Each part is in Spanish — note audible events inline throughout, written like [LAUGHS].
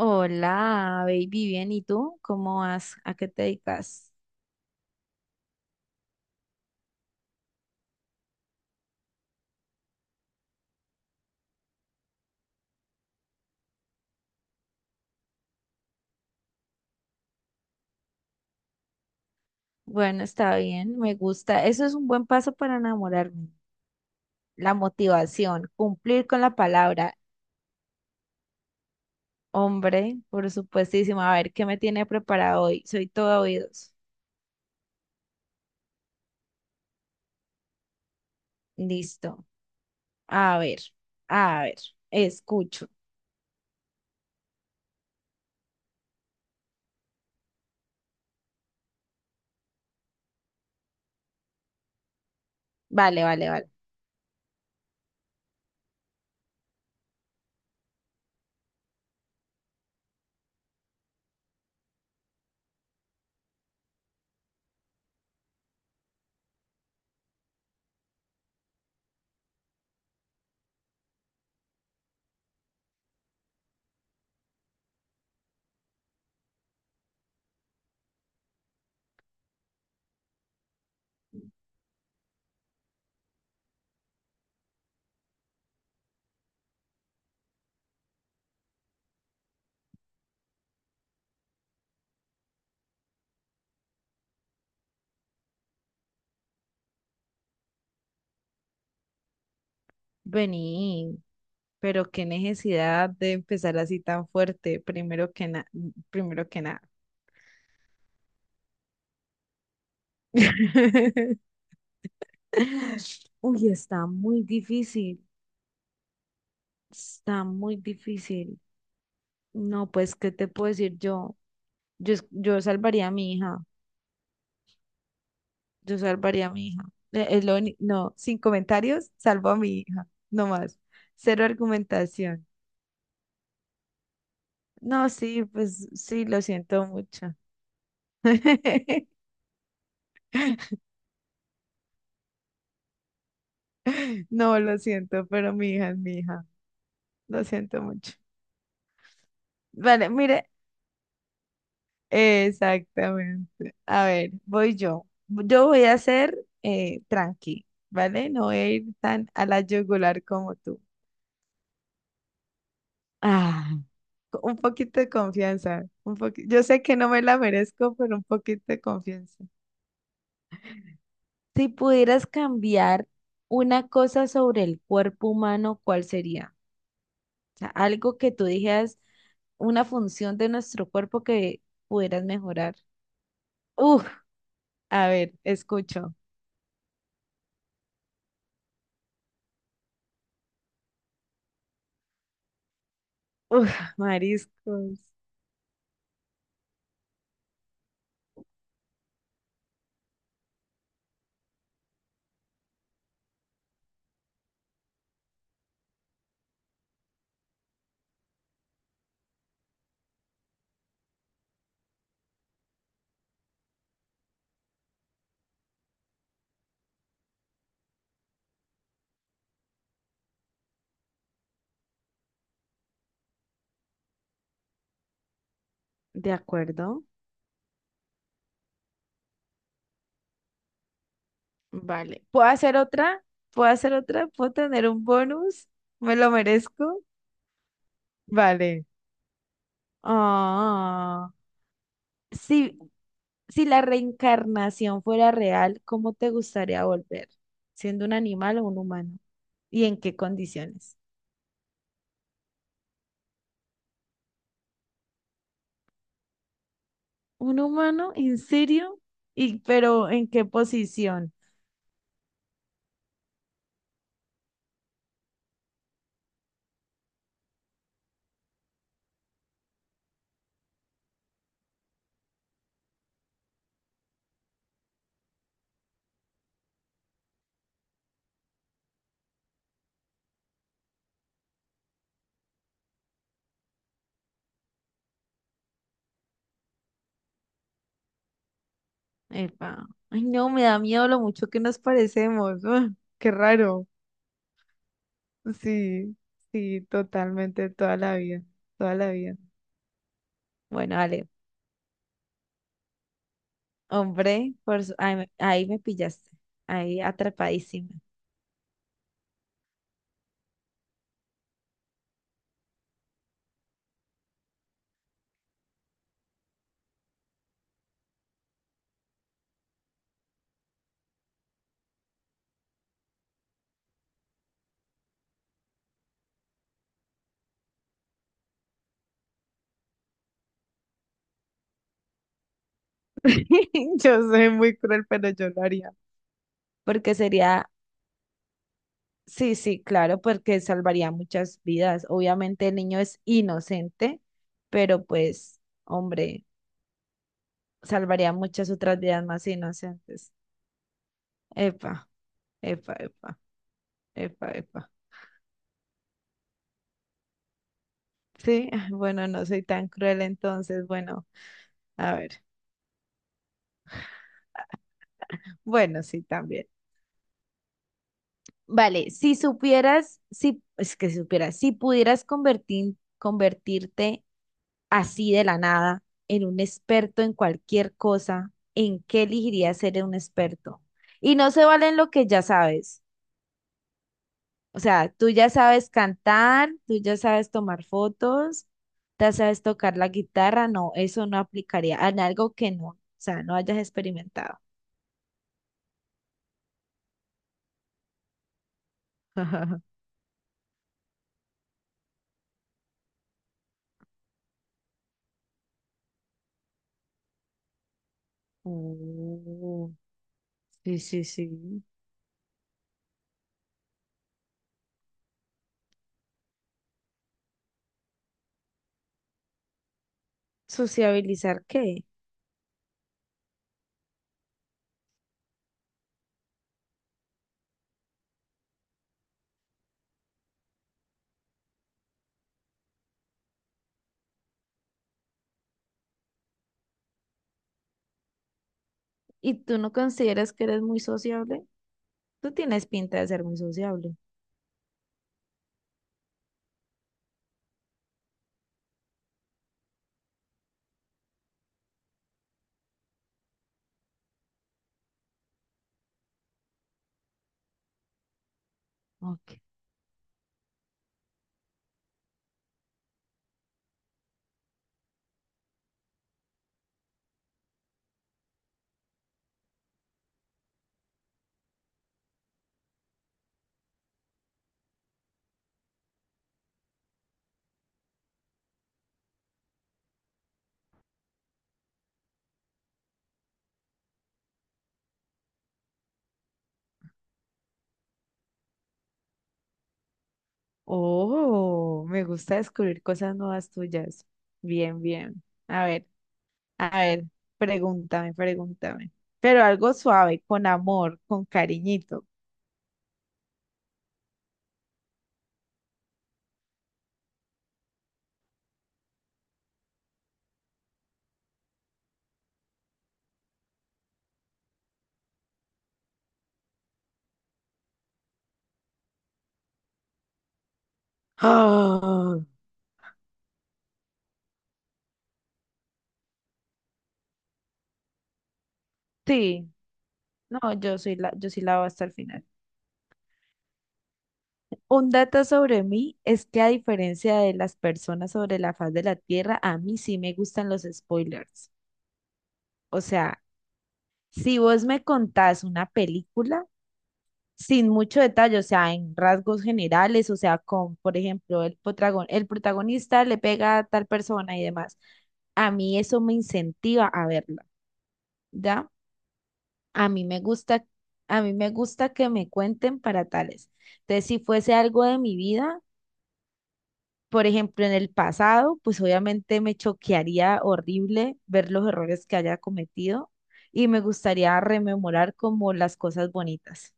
Hola, baby, bien, ¿y tú? ¿Cómo vas? ¿A qué te dedicas? Bueno, está bien, me gusta. Eso es un buen paso para enamorarme. La motivación, cumplir con la palabra. Hombre, por supuestísimo. A ver, ¿qué me tiene preparado hoy? Soy todo oídos. Listo. A ver, a ver, escucho. Vale, vale, vale. Vení, pero qué necesidad de empezar así tan fuerte, primero que nada, primero que nada. [LAUGHS] Uy, está muy difícil, está muy difícil. No, pues, ¿qué te puedo decir yo? Yo, yo salvaría a mi hija, yo salvaría a mi hija. Es no, sin comentarios, salvo a mi hija, no más. Cero argumentación. No, sí, pues sí, lo siento mucho. [LAUGHS] No, lo siento, pero mi hija es mi hija, lo siento mucho. Vale, mire. Exactamente. A ver, voy yo. Yo voy a ser tranqui, ¿vale? No voy a ir tan a la yugular como tú. Ah, un poquito de confianza. Yo sé que no me la merezco, pero un poquito de confianza. Si pudieras cambiar una cosa sobre el cuerpo humano, ¿cuál sería? O sea, algo que tú dijeras, una función de nuestro cuerpo que pudieras mejorar. Uf, a ver, escucho. Uf, mariscos. De acuerdo. Vale. ¿Puedo hacer otra? ¿Puedo hacer otra? ¿Puedo tener un bonus? ¿Me lo merezco? Vale. Ah, Si, si la reencarnación fuera real, ¿cómo te gustaría volver? ¿Siendo un animal o un humano? ¿Y en qué condiciones? ¿Un humano? ¿En serio? ¿Y pero en qué posición? Epa. Ay, no, me da miedo lo mucho que nos parecemos. [LAUGHS] Ah, qué raro. Sí, sí, totalmente, toda la vida, toda la vida. Bueno, dale. Hombre, ay, ahí me pillaste. Ahí atrapadísima. [LAUGHS] Yo soy muy cruel, pero yo lo haría. Porque sería, sí, sí, claro, porque salvaría muchas vidas. Obviamente el niño es inocente, pero pues, hombre, salvaría muchas otras vidas más inocentes. Epa, epa, epa, epa, epa. Sí, [LAUGHS] ah, bueno, no soy tan cruel entonces, bueno, a ver. Bueno, sí, también. Vale, si supieras, si, es que si supieras, si pudieras convertirte así de la nada en un experto en cualquier cosa, ¿en qué elegirías ser un experto? Y no se vale en lo que ya sabes. O sea, tú ya sabes cantar, tú ya sabes tomar fotos, ya sabes tocar la guitarra. No, eso no aplicaría en algo que no, o sea, no hayas experimentado. [LAUGHS] Oh, sí, sí, sí. ¿Sociabilizar qué? ¿Y tú no consideras que eres muy sociable? Tú tienes pinta de ser muy sociable. Ok. Oh, me gusta descubrir cosas nuevas tuyas. Bien, bien. A ver, a ver, pregúntame, pregúntame. Pero algo suave, con amor, con cariñito. [GASPS] Ah, sí, no, yo soy la, yo sí la voy hasta el final. Un dato sobre mí es que a diferencia de las personas sobre la faz de la Tierra, a mí sí me gustan los spoilers. O sea, si vos me contás una película sin mucho detalle, o sea, en rasgos generales, o sea, con, por ejemplo, el el protagonista le pega a tal persona y demás, a mí eso me incentiva a verla, ¿ya? A mí me gusta, que me cuenten para tales. Entonces, si fuese algo de mi vida, por ejemplo, en el pasado, pues obviamente me choquearía horrible ver los errores que haya cometido y me gustaría rememorar como las cosas bonitas.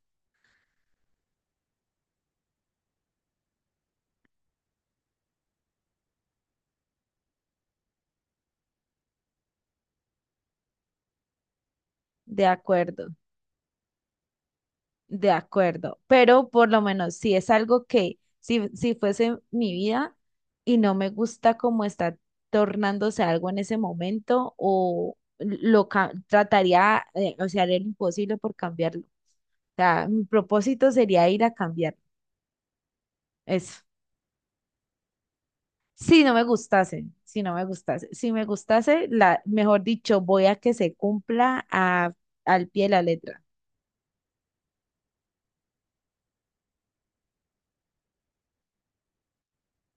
De acuerdo, de acuerdo. Pero por lo menos si es algo que, si, fuese mi vida y no me gusta cómo está tornándose algo en ese momento, o trataría, o sea, haría lo imposible por cambiarlo. O sea, mi propósito sería ir a cambiarlo. Eso. Si no me gustase, si me gustase, mejor dicho, voy a que se cumpla al pie de la letra.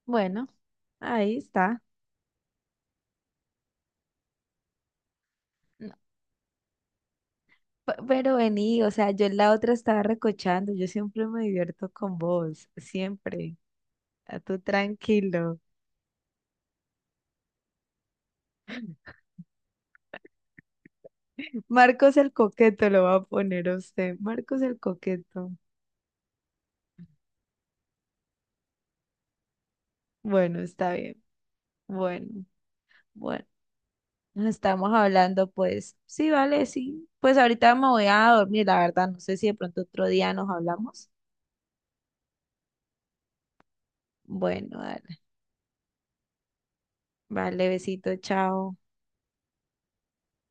Bueno, ahí está. Pero vení, o sea, yo en la otra estaba recochando, yo siempre me divierto con vos, siempre. A tú tranquilo. Marcos el coqueto lo va a poner a usted. Marcos el coqueto. Bueno, está bien. Bueno, bueno. Nos estamos hablando, pues. Sí, vale, sí. Pues ahorita me voy a dormir, la verdad. No sé si de pronto otro día nos hablamos. Bueno, dale. Vale, besito, chao.